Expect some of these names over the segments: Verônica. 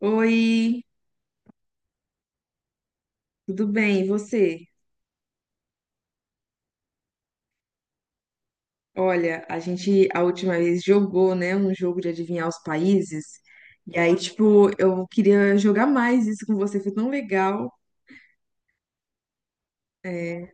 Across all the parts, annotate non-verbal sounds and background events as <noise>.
Oi, tudo bem? E você? Olha, a gente a última vez jogou, né, um jogo de adivinhar os países. E aí, tipo, eu queria jogar mais isso com você, foi tão legal. É,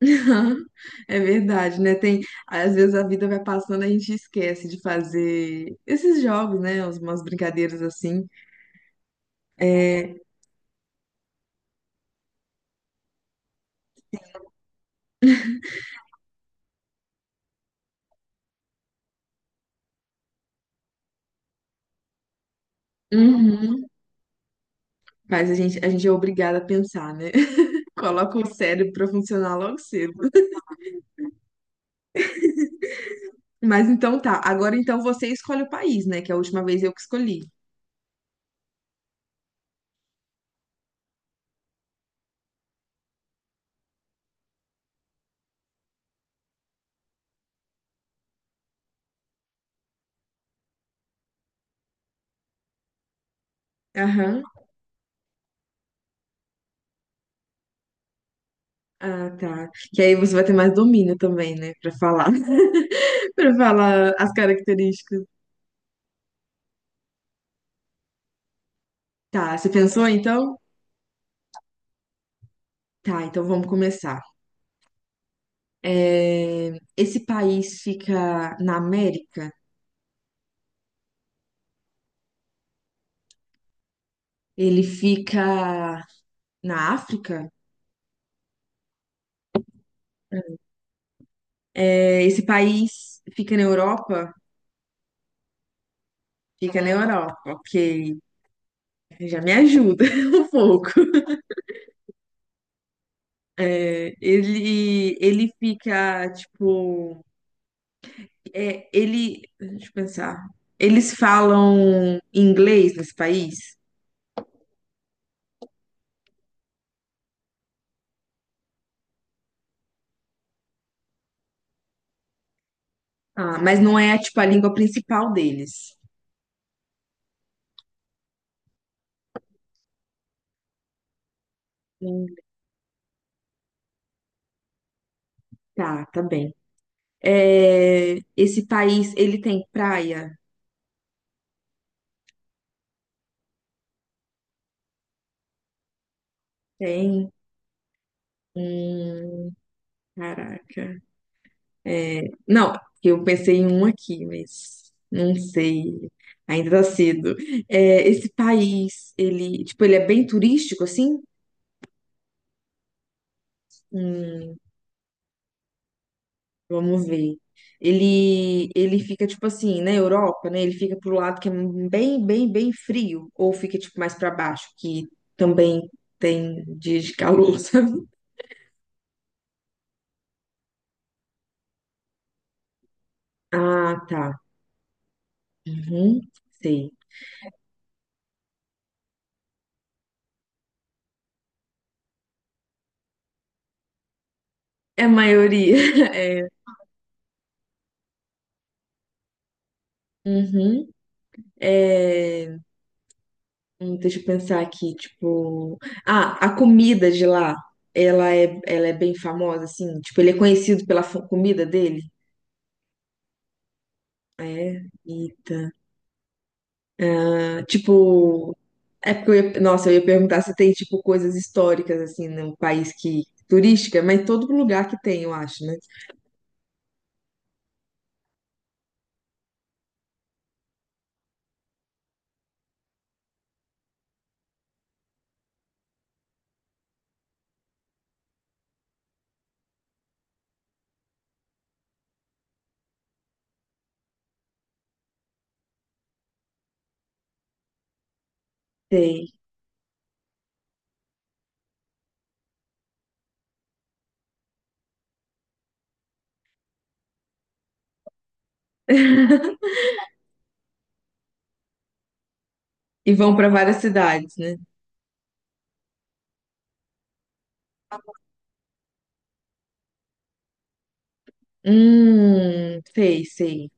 <laughs> é verdade, né? Tem, às vezes a vida vai passando, a gente esquece de fazer esses jogos, né? Umas brincadeiras assim. É, uhum. Mas a gente é obrigada a pensar, né? <laughs> Coloca o cérebro pra funcionar logo cedo. Mas então tá. Agora então você escolhe o país, né? Que é a última vez eu que escolhi. Aham. Ah, tá. Que aí você vai ter mais domínio também, né? Pra falar. <laughs> Pra falar as características. Tá. Você pensou então? Tá. Então vamos começar. Esse país fica na América? Ele fica na África? Esse país fica na Europa? Fica na Europa, ok. Já me ajuda <laughs> um pouco. É, ele fica, tipo, é, ele, deixa eu pensar, eles falam inglês nesse país, ah, mas não é, tipo, a língua principal deles. Hum, Tá, tá bem. É, esse país, ele tem praia? Tem. Hum, caraca. É, não, eu pensei em um aqui, mas não sei, ainda tá cedo. É, esse país, tipo, ele é bem turístico, assim? Hum, vamos ver. Ele fica tipo assim, na Europa, né? Ele fica pro lado que é bem, bem frio, ou fica tipo mais para baixo, que também tem dias de calor, <laughs> sabe? Ah, tá. Uhum, sei. É a maioria. <laughs> É. Uhum. É, deixa eu pensar aqui, tipo, ah, a comida de lá, ela é bem famosa, assim, tipo, ele é conhecido pela comida dele. É, eita. Ah, tipo, é porque eu ia, nossa, eu ia perguntar se tem tipo coisas históricas assim no país que turística, mas todo lugar que tem, eu acho, né? Tem. <laughs> E vão para várias cidades, né? Sei.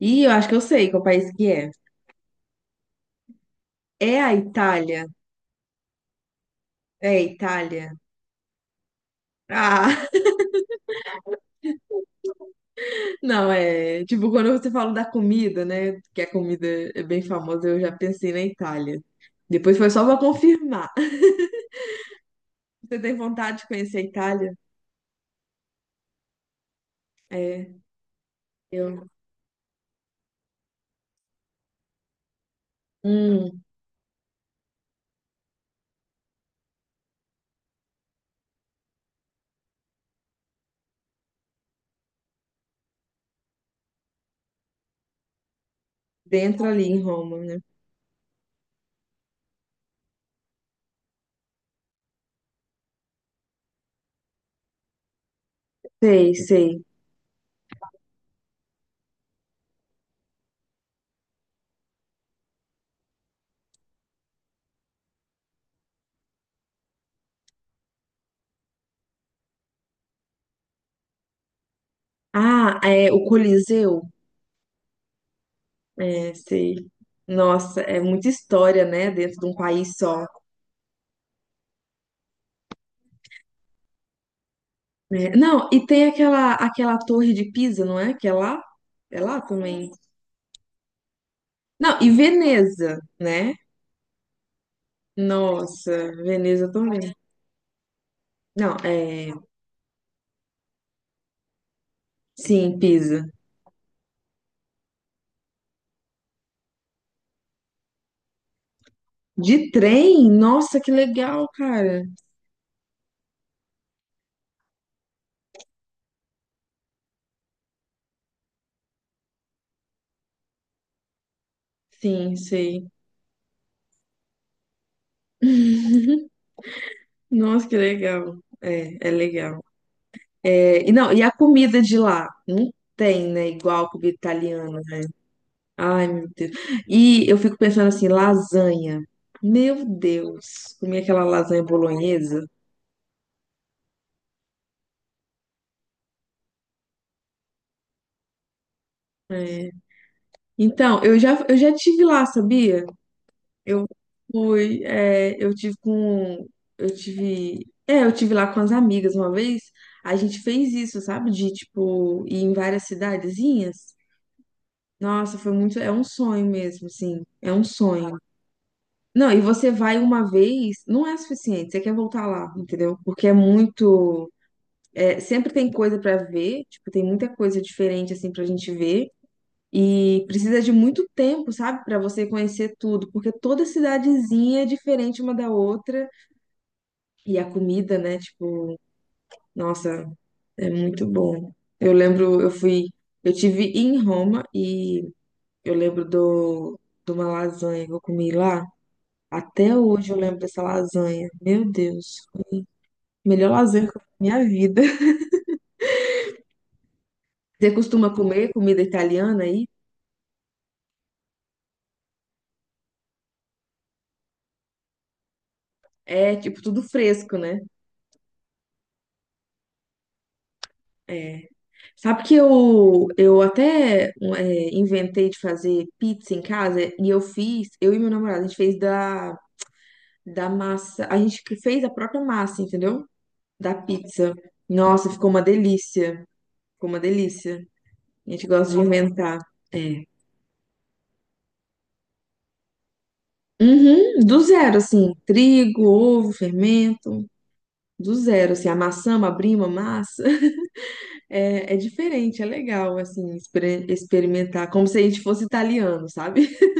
E eu acho que eu sei qual país que é. É a Itália. É a Itália. Ah, <laughs> não, é. Tipo, quando você fala da comida, né? Que a comida é bem famosa, eu já pensei na Itália. Depois foi só pra confirmar. <laughs> Você tem vontade de conhecer a Itália? É. Eu- hum, dentro ali em Roma, né? Sei, sei. Ah, é o Coliseu. É, sei. Nossa, é muita história, né? Dentro de um país só. Né? Não, e tem aquela torre de Pisa, não é? Que é lá? É lá também. Não, e Veneza, né? Nossa, Veneza também. Não, é. Sim, Pisa. De trem? Nossa, que legal, cara. Sim, sei. <laughs> Nossa, que legal. É, é legal. É, e não, e a comida de lá? Não tem, né? Igual a comida italiana, né? Ai, meu Deus. E eu fico pensando assim, lasanha. Meu Deus, comi aquela lasanha bolonhesa. É. Então, eu já tive lá, sabia? Eu fui, é, eu tive lá com as amigas uma vez. A gente fez isso, sabe? De, tipo, ir em várias cidadezinhas. Nossa, foi muito, é um sonho mesmo, assim, é um sonho. Não, e você vai uma vez, não é suficiente, você quer voltar lá, entendeu? Porque é muito, é, sempre tem coisa pra ver, tipo, tem muita coisa diferente assim pra gente ver e precisa de muito tempo, sabe, pra você conhecer tudo, porque toda cidadezinha é diferente uma da outra e a comida, né, tipo, nossa, é muito bom. Eu lembro, eu fui, eu tive em Roma e eu lembro do de uma lasanha que eu comi lá. Até hoje eu lembro dessa lasanha. Meu Deus. Melhor lazer que eu tenho na minha vida. Você costuma comer comida italiana aí? É, tipo, tudo fresco, né? É. Sabe que eu até um, é, inventei de fazer pizza em casa e eu fiz, eu e meu namorado, a gente fez da, da massa, a gente que fez a própria massa, entendeu? Da pizza. Nossa, ficou uma delícia. Ficou uma delícia. A gente gosta de inventar. É. Uhum, do zero, assim, trigo, ovo, fermento, do zero, assim, amassamos, abrimos a massa. É, é diferente, é legal, assim, experimentar, como se a gente fosse italiano, sabe? <laughs>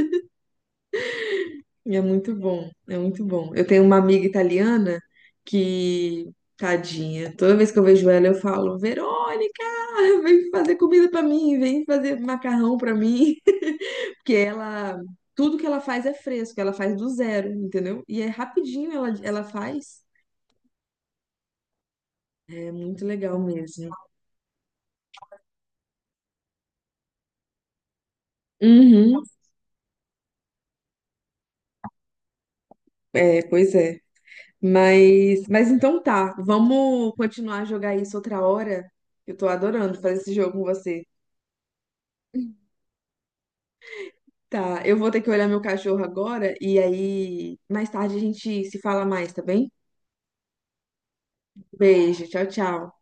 E é muito bom, é muito bom. Eu tenho uma amiga italiana que, tadinha, toda vez que eu vejo ela, eu falo, Verônica, <laughs> vem fazer comida pra mim, vem fazer macarrão pra mim, <laughs> porque ela, tudo que ela faz é fresco, ela faz do zero, entendeu? E é rapidinho ela faz, é muito legal mesmo. Uhum, é, pois é. Mas então tá, vamos continuar a jogar isso outra hora. Eu tô adorando fazer esse jogo com você. Tá, eu vou ter que olhar meu cachorro agora e aí mais tarde a gente se fala mais, tá bem? Beijo, tchau, tchau.